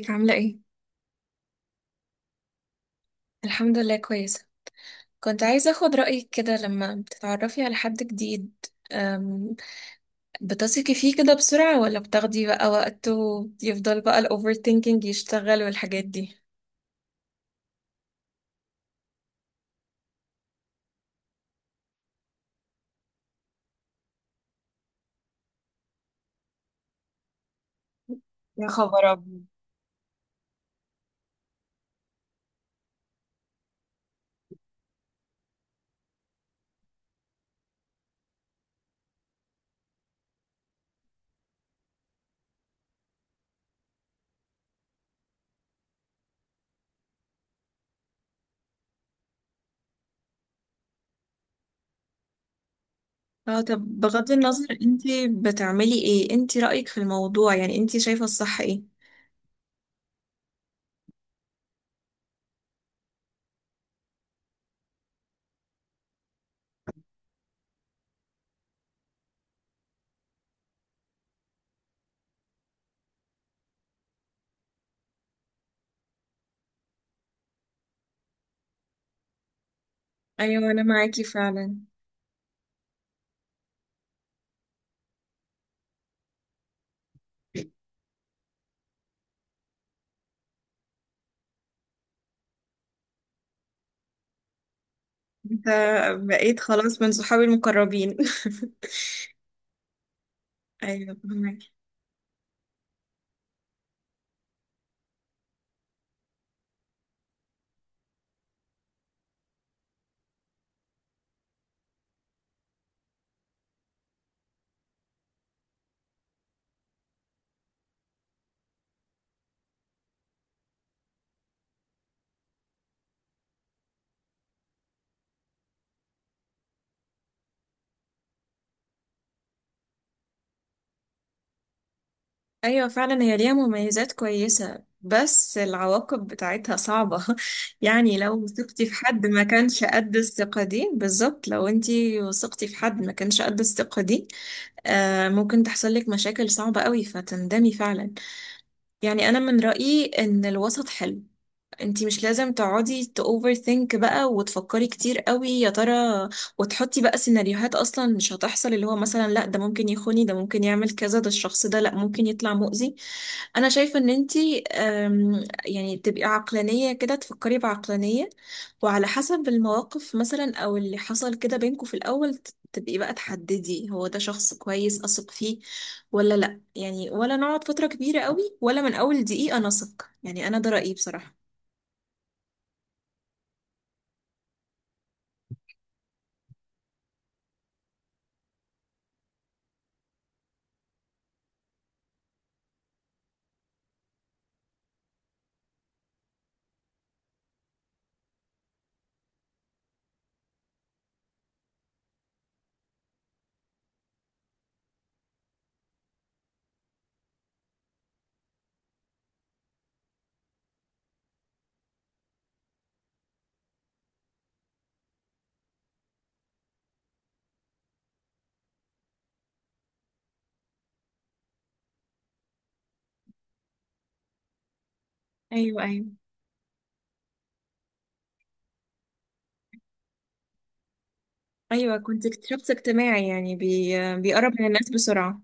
ازيك عاملة ايه؟ الحمد لله كويسة. كنت عايزة اخد رأيك كده لما بتتعرفي على حد جديد، أم، بتثقي فيه كده بسرعة ولا بتاخدي بقى وقت ويفضل بقى الاوفر ثينكينج يشتغل والحاجات دي؟ يا خبر أبيض! اه طب بغض النظر انتي بتعملي ايه؟ انتي رأيك في الموضوع، يعني انتي شايفة الصح ايه؟ ايوه انا معاكي فعلا. انت بقيت خلاص من صحابي المقربين. ايوه. ايوه فعلا، هي ليها مميزات كويسة بس العواقب بتاعتها صعبة. يعني لو وثقتي في حد ما كانش قد الثقة دي، بالظبط لو انتي وثقتي في حد ما كانش قد الثقة دي آه ممكن تحصل لك مشاكل صعبة قوي فتندمي فعلا. يعني انا من رأيي ان الوسط حلو. انتي مش لازم تقعدي تأوفر ثينك بقى وتفكري كتير قوي يا ترى وتحطي بقى سيناريوهات اصلا مش هتحصل، اللي هو مثلا لا ده ممكن يخوني ده ممكن يعمل كذا ده الشخص ده لا ممكن يطلع مؤذي. انا شايفة ان انتي، يعني تبقي عقلانية كده، تفكري بعقلانية وعلى حسب المواقف، مثلا او اللي حصل كده بينكوا في الاول، تبقي بقى تحددي هو ده شخص كويس اثق فيه ولا لا، يعني ولا نقعد فترة كبيرة قوي ولا من اول دقيقة نثق. يعني انا ده رأيي بصراحة. ايوه. ايوه. ايوه كنت شخص اجتماعي، يعني بيقرب من الناس بسرعة.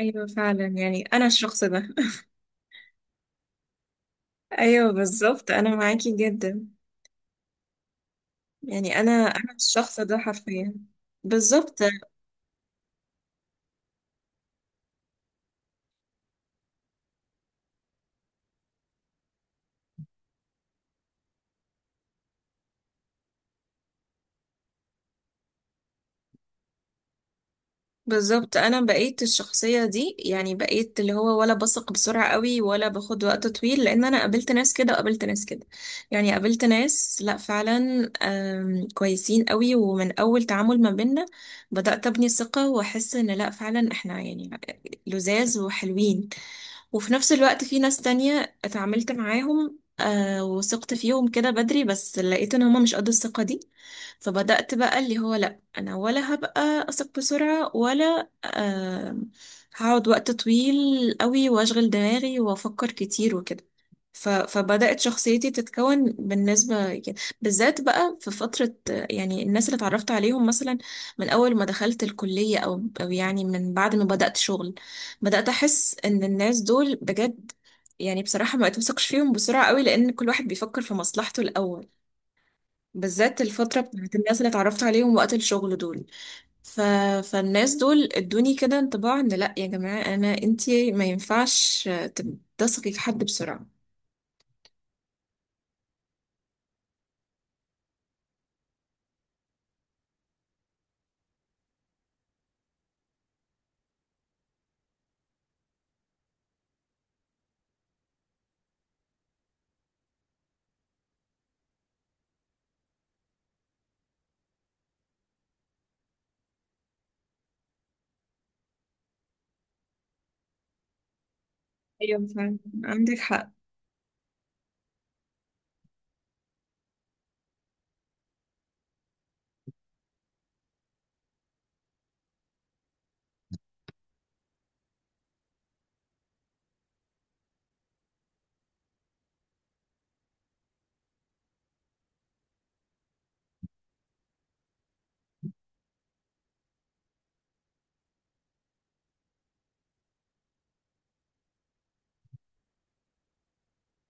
ايوه فعلا يعني انا الشخص ده. ايوه بالظبط انا معاكي جدا. يعني انا الشخص ده حرفيا. بالظبط. بالظبط، انا بقيت الشخصيه دي، يعني بقيت اللي هو ولا بثق بسرعه قوي ولا باخد وقت طويل، لان انا قابلت ناس كده وقابلت ناس كده. يعني قابلت ناس لا فعلا كويسين قوي، ومن اول تعامل ما بينا بدات ابني ثقه واحس ان لا فعلا احنا يعني لذاذ وحلوين. وفي نفس الوقت في ناس تانية اتعاملت معاهم آه وثقت فيهم كده بدري بس لقيت ان هما مش قد الثقة دي. فبدأت بقى اللي هو لأ، أنا ولا هبقى أثق بسرعة ولا هقعد وقت طويل قوي وأشغل دماغي وأفكر كتير وكده. فبدأت شخصيتي تتكون بالنسبة كده، بالذات بقى في فترة، يعني الناس اللي اتعرفت عليهم مثلا من أول ما دخلت الكلية أو يعني من بعد ما بدأت شغل. بدأت أحس إن الناس دول بجد، يعني بصراحة، ما بتوثقش فيهم بسرعة قوي لأن كل واحد بيفكر في مصلحته الأول. بالذات الفترة بتاعت الناس اللي اتعرفت عليهم وقت الشغل دول. ف... فالناس دول ادوني كده انطباع إن لأ يا جماعة، أنا أنتي ما ينفعش تثقي في حد بسرعة. ايوه فعلا، عندك حق.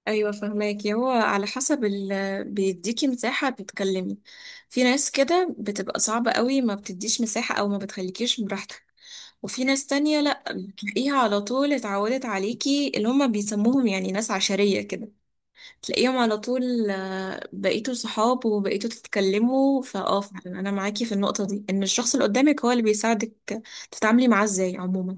ايوه فهماكي، هو على حسب ال بيديكي مساحه تتكلمي. في ناس كده بتبقى صعبه قوي، ما بتديش مساحه او ما بتخليكيش براحتك. وفي ناس تانية لا، بتلاقيها على طول اتعودت عليكي، اللي هم بيسموهم يعني ناس عشريه كده، تلاقيهم على طول بقيتوا صحاب وبقيتوا تتكلموا. فاه فعلا انا معاكي في النقطه دي، ان الشخص اللي قدامك هو اللي بيساعدك تتعاملي معاه ازاي عموما.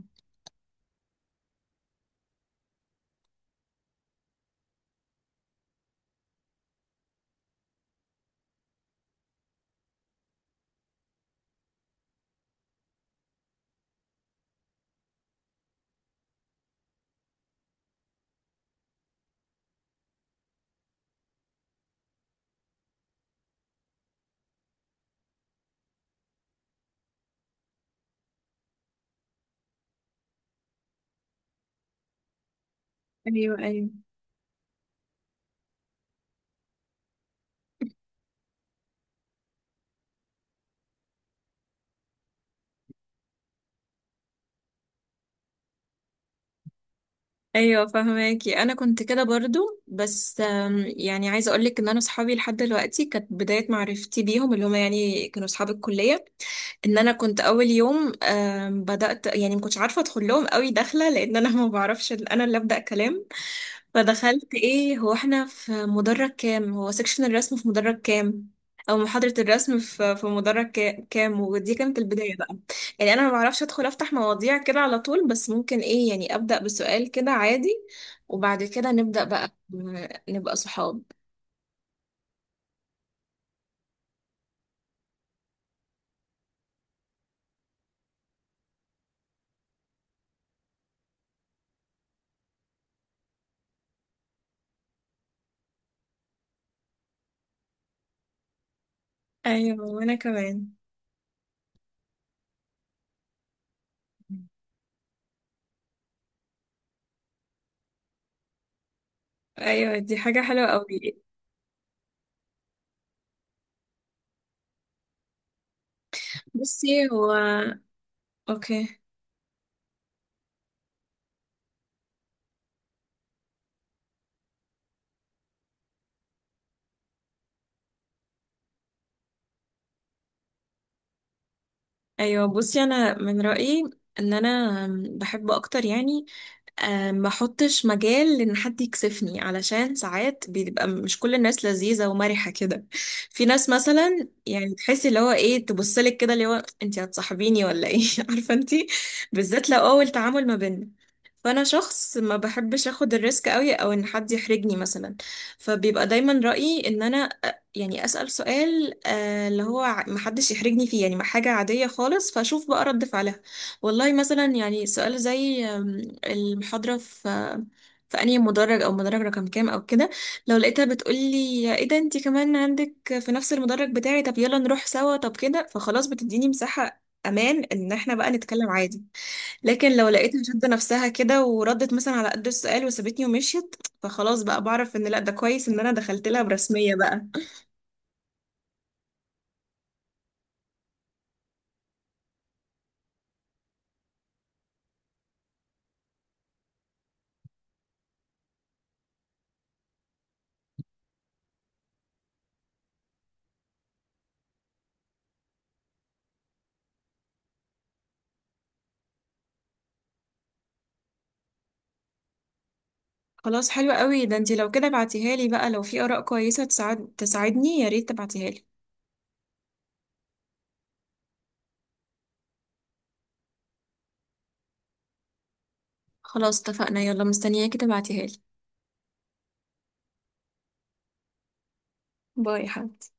ايوه. ايوه. ايوه فهماكي، انا كنت كده برضو بس يعني عايزه اقولك ان انا صحابي لحد دلوقتي كانت بدايه معرفتي بيهم اللي هم يعني كانوا صحاب الكليه. ان انا كنت اول يوم بدات يعني ما كنتش عارفه ادخل لهم قوي داخله، لان انا ما بعرفش انا اللي ابدا كلام. فدخلت ايه هو احنا في مدرج كام، هو سكشن الرسم في مدرج كام او محاضرة الرسم في مدرج كام. ودي كانت البداية بقى. يعني انا ما بعرفش ادخل افتح مواضيع كده على طول، بس ممكن ايه يعني ابدأ بسؤال كده عادي وبعد كده نبدأ بقى نبقى صحاب. ايوه وانا كمان. ايوه دي حاجة حلوة قوي. بصي هو. اوكي. ايوه بصي انا من رايي ان انا بحب اكتر، يعني ما احطش مجال ان حد يكسفني، علشان ساعات بيبقى مش كل الناس لذيذه ومرحه كده. في ناس مثلا يعني تحسي اللي هو ايه، تبصلك كده اللي هو انت هتصاحبيني ولا ايه؟ عارفه انت، بالذات لو اول تعامل ما بيننا. فانا شخص ما بحبش اخد الريسك قوي او ان حد يحرجني مثلا، فبيبقى دايما رايي ان انا يعني أسأل سؤال اللي هو محدش يحرجني فيه، يعني حاجة عادية خالص، فأشوف بقى رد فعلها. والله مثلا يعني سؤال زي المحاضرة في في أنهي مدرج، أو مدرج رقم كام أو كده. لو لقيتها بتقولي إيه ده أنتي كمان عندك في نفس المدرج بتاعي، طب يلا نروح سوا، طب كده فخلاص بتديني مساحة أمان إن إحنا بقى نتكلم عادي. لكن لو لقيتها شادة نفسها كده وردت مثلا على قد السؤال وسابتني ومشيت، فخلاص بقى بعرف إن لأ، ده كويس إن أنا دخلت لها برسمية بقى. خلاص حلو قوي ده، انتي لو كده بعتيها لي بقى، لو في آراء كويسة تساعد تساعدني، يا ريت تبعتيها لي. خلاص اتفقنا، يلا مستنياكي تبعتيها لي. باي يا حبيبتي.